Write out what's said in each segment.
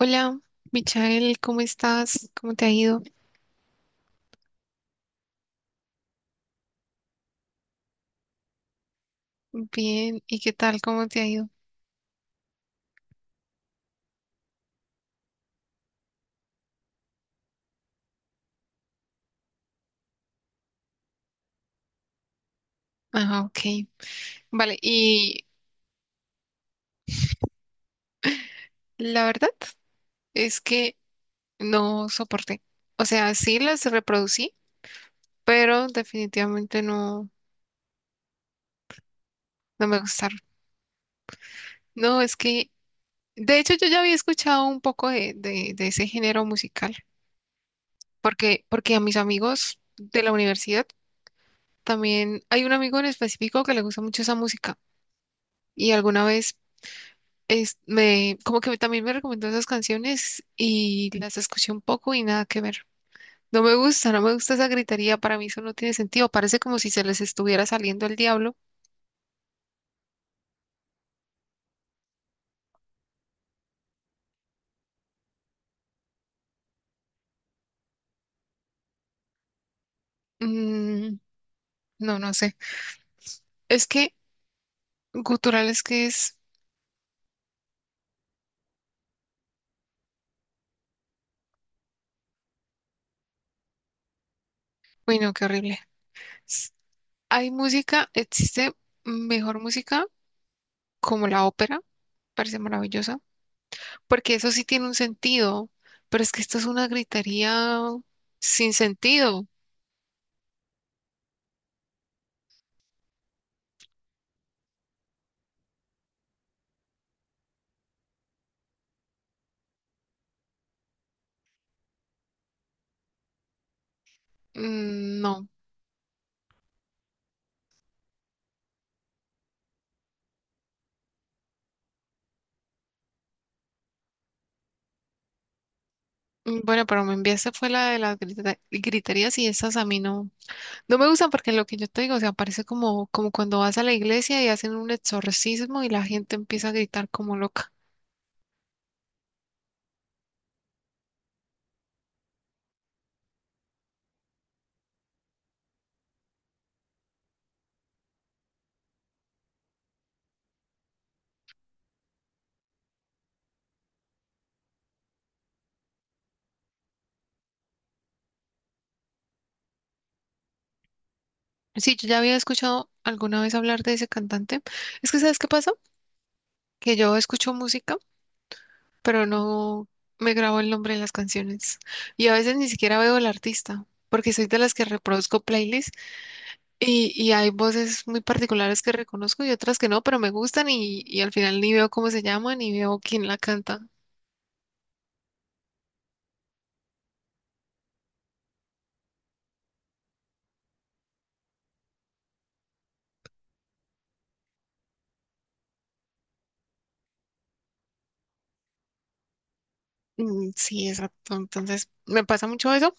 Hola, Michael, ¿cómo estás? ¿Cómo te ha ido? Bien, ¿y qué tal? ¿Cómo te ha ido? Ajá, ok. Vale, y la verdad es que no soporté. O sea, sí las reproducí, pero definitivamente no, no me gustaron. No, es que, de hecho, yo ya había escuchado un poco de ese género musical, porque a mis amigos de la universidad también hay un amigo en específico que le gusta mucho esa música. Y alguna vez como que también me recomendó esas canciones y las escuché un poco y nada que ver. No me gusta, no me gusta esa gritería, para mí eso no tiene sentido, parece como si se les estuviera saliendo el diablo. Mm, no, no sé. Es que gutural uy no qué horrible. S- Hay música, existe mejor música como la ópera, parece maravillosa, porque eso sí tiene un sentido, pero es que esto es una gritería sin sentido. Mm, no. Mm, bueno, pero me enviaste fue la de las griterías y esas a mí no, no me gustan porque lo que yo te digo, o sea, parece como, como cuando vas a la iglesia y hacen un exorcismo y la gente empieza a gritar como loca. Sí, yo ya había escuchado alguna vez hablar de ese cantante. Es que ¿sabes qué pasa? Que yo escucho música, pero no me grabo el nombre de las canciones y a veces ni siquiera veo el artista porque soy de las que reproduzco playlists. Y hay voces muy particulares que reconozco y otras que no, pero me gustan y al final ni veo cómo se llaman ni veo quién la canta. Mm, sí, exacto. Entonces, me pasa mucho eso,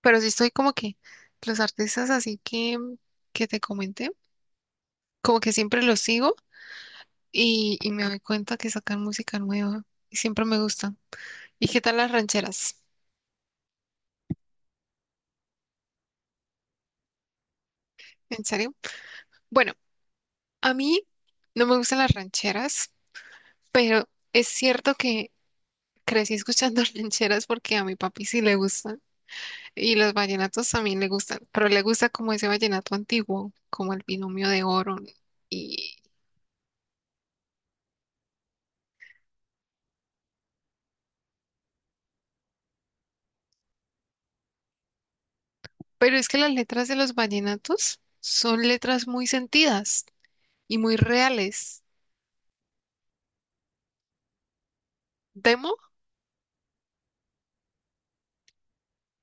pero sí estoy como que los artistas así que te comenté, como que siempre los sigo y me doy cuenta que sacan música nueva y siempre me gustan. ¿Y qué tal las rancheras? ¿En serio? Bueno, a mí no me gustan las rancheras, pero es cierto que crecí escuchando rancheras porque a mi papi sí le gustan y los vallenatos también le gustan, pero le gusta como ese vallenato antiguo, como el Binomio de Oro, ¿no? Y... pero es que las letras de los vallenatos son letras muy sentidas y muy reales. ¿Demo?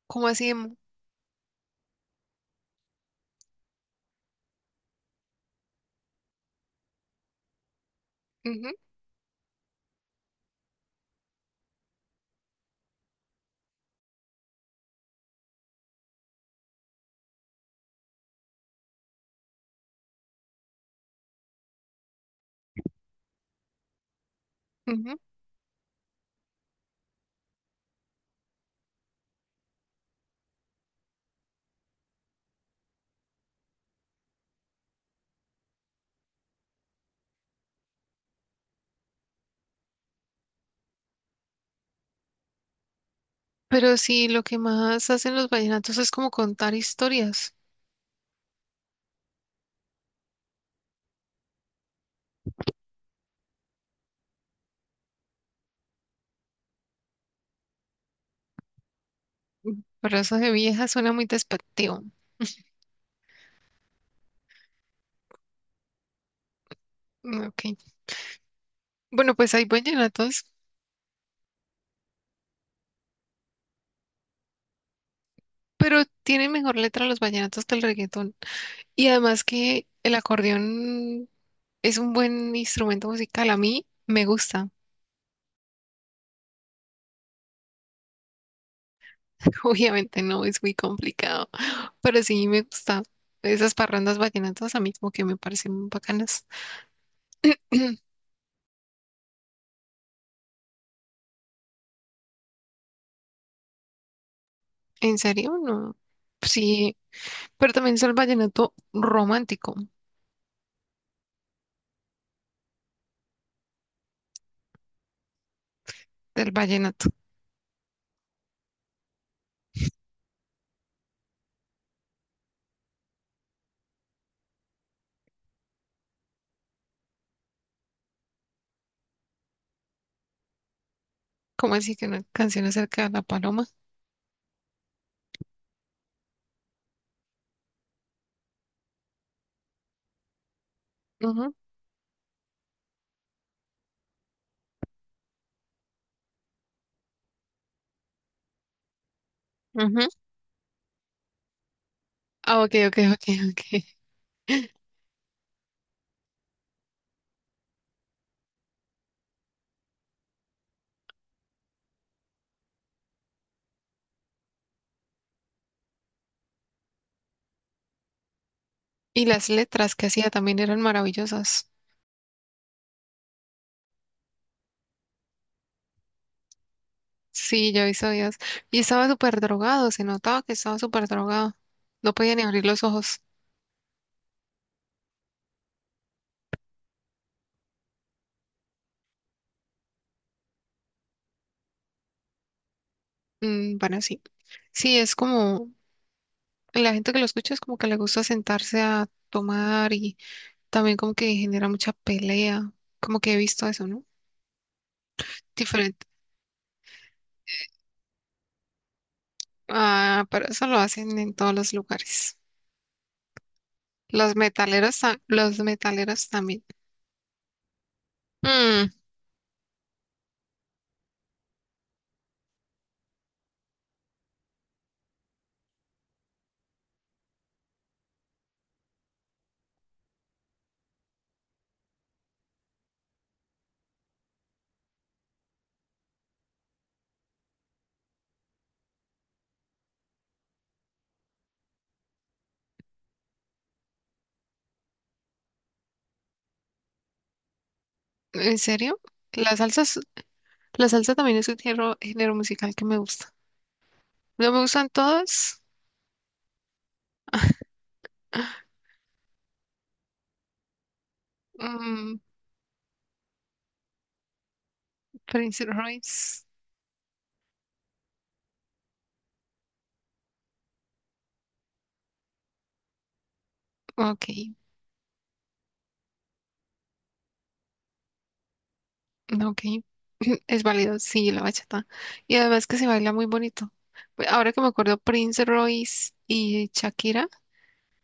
Como así demo? Ujú, ujú. Pero sí, lo que más hacen los vallenatos es como contar historias. Mm, pero eso de vieja suena muy despectivo. Mm, ok. Bueno, pues hay vallenatos, pero tienen mejor letra los vallenatos que el reggaetón. Y además que el acordeón es un buen instrumento musical. A mí me gusta. Obviamente no es muy complicado, pero sí me gusta. Esas parrandas vallenatas a mí como que me parecen bacanas. ¿En serio? No. Sí, pero también es el vallenato romántico del vallenato. ¿Cómo así que una canción acerca de la paloma? Ujú, ujú. Ah, ok, ok, ok, ok. Y las letras que hacía también eran maravillosas. Sí, yo hizo días. Y estaba súper drogado, se notaba que estaba súper drogado. No podía ni abrir los ojos. Mm, bueno, sí. Sí, es como la gente que lo escucha es como que le gusta sentarse a tomar y también como que genera mucha pelea. Como que he visto eso, ¿no? Diferente. Ah, pero eso lo hacen en todos los lugares. Los metaleros, los metaleros también. Mm, ¿en serio? La salsa, es- la salsa también es un género musical que me gusta. No me gustan todos. Mm, Prince Royce. Ok, ok. Es válido, sí, la bachata. Y además que se baila muy bonito. Pues ahora que me acuerdo, Prince Royce y Shakira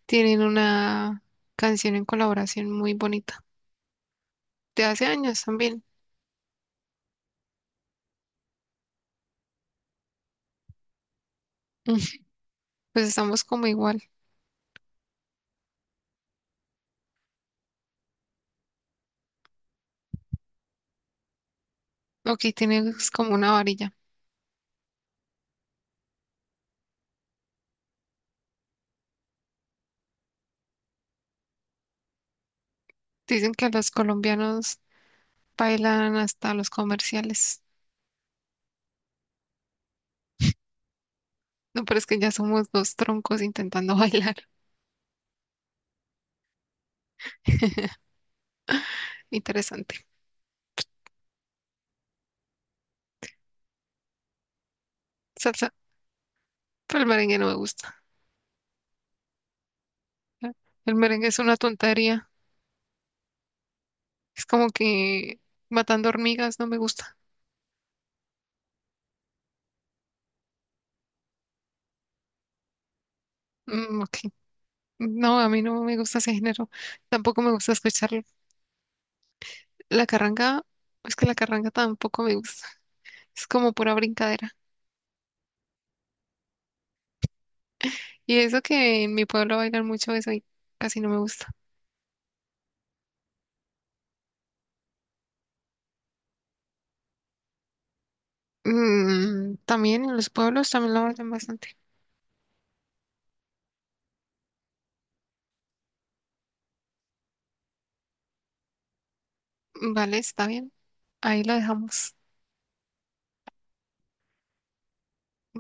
tienen una canción en colaboración muy bonita. De hace años también. Mm, pues estamos como igual. Ok, tienes como una varilla. Dicen que los colombianos bailan hasta los comerciales. No, pero es que ya somos dos troncos intentando bailar. Interesante. Salsa, pero el merengue no me gusta. El merengue es una tontería. Es como que matando hormigas, no me gusta. Mm, ok. No, a mí no me gusta ese género. Tampoco me gusta escuchar la carranga. Es que la carranga tampoco me gusta. Es como pura brincadera. Y eso que en mi pueblo bailan mucho eso y casi no me gusta. Mm, también en los pueblos también lo bailan bastante. Vale, está bien. Ahí lo dejamos.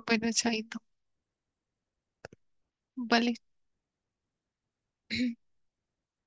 Bueno, chaito. Vale.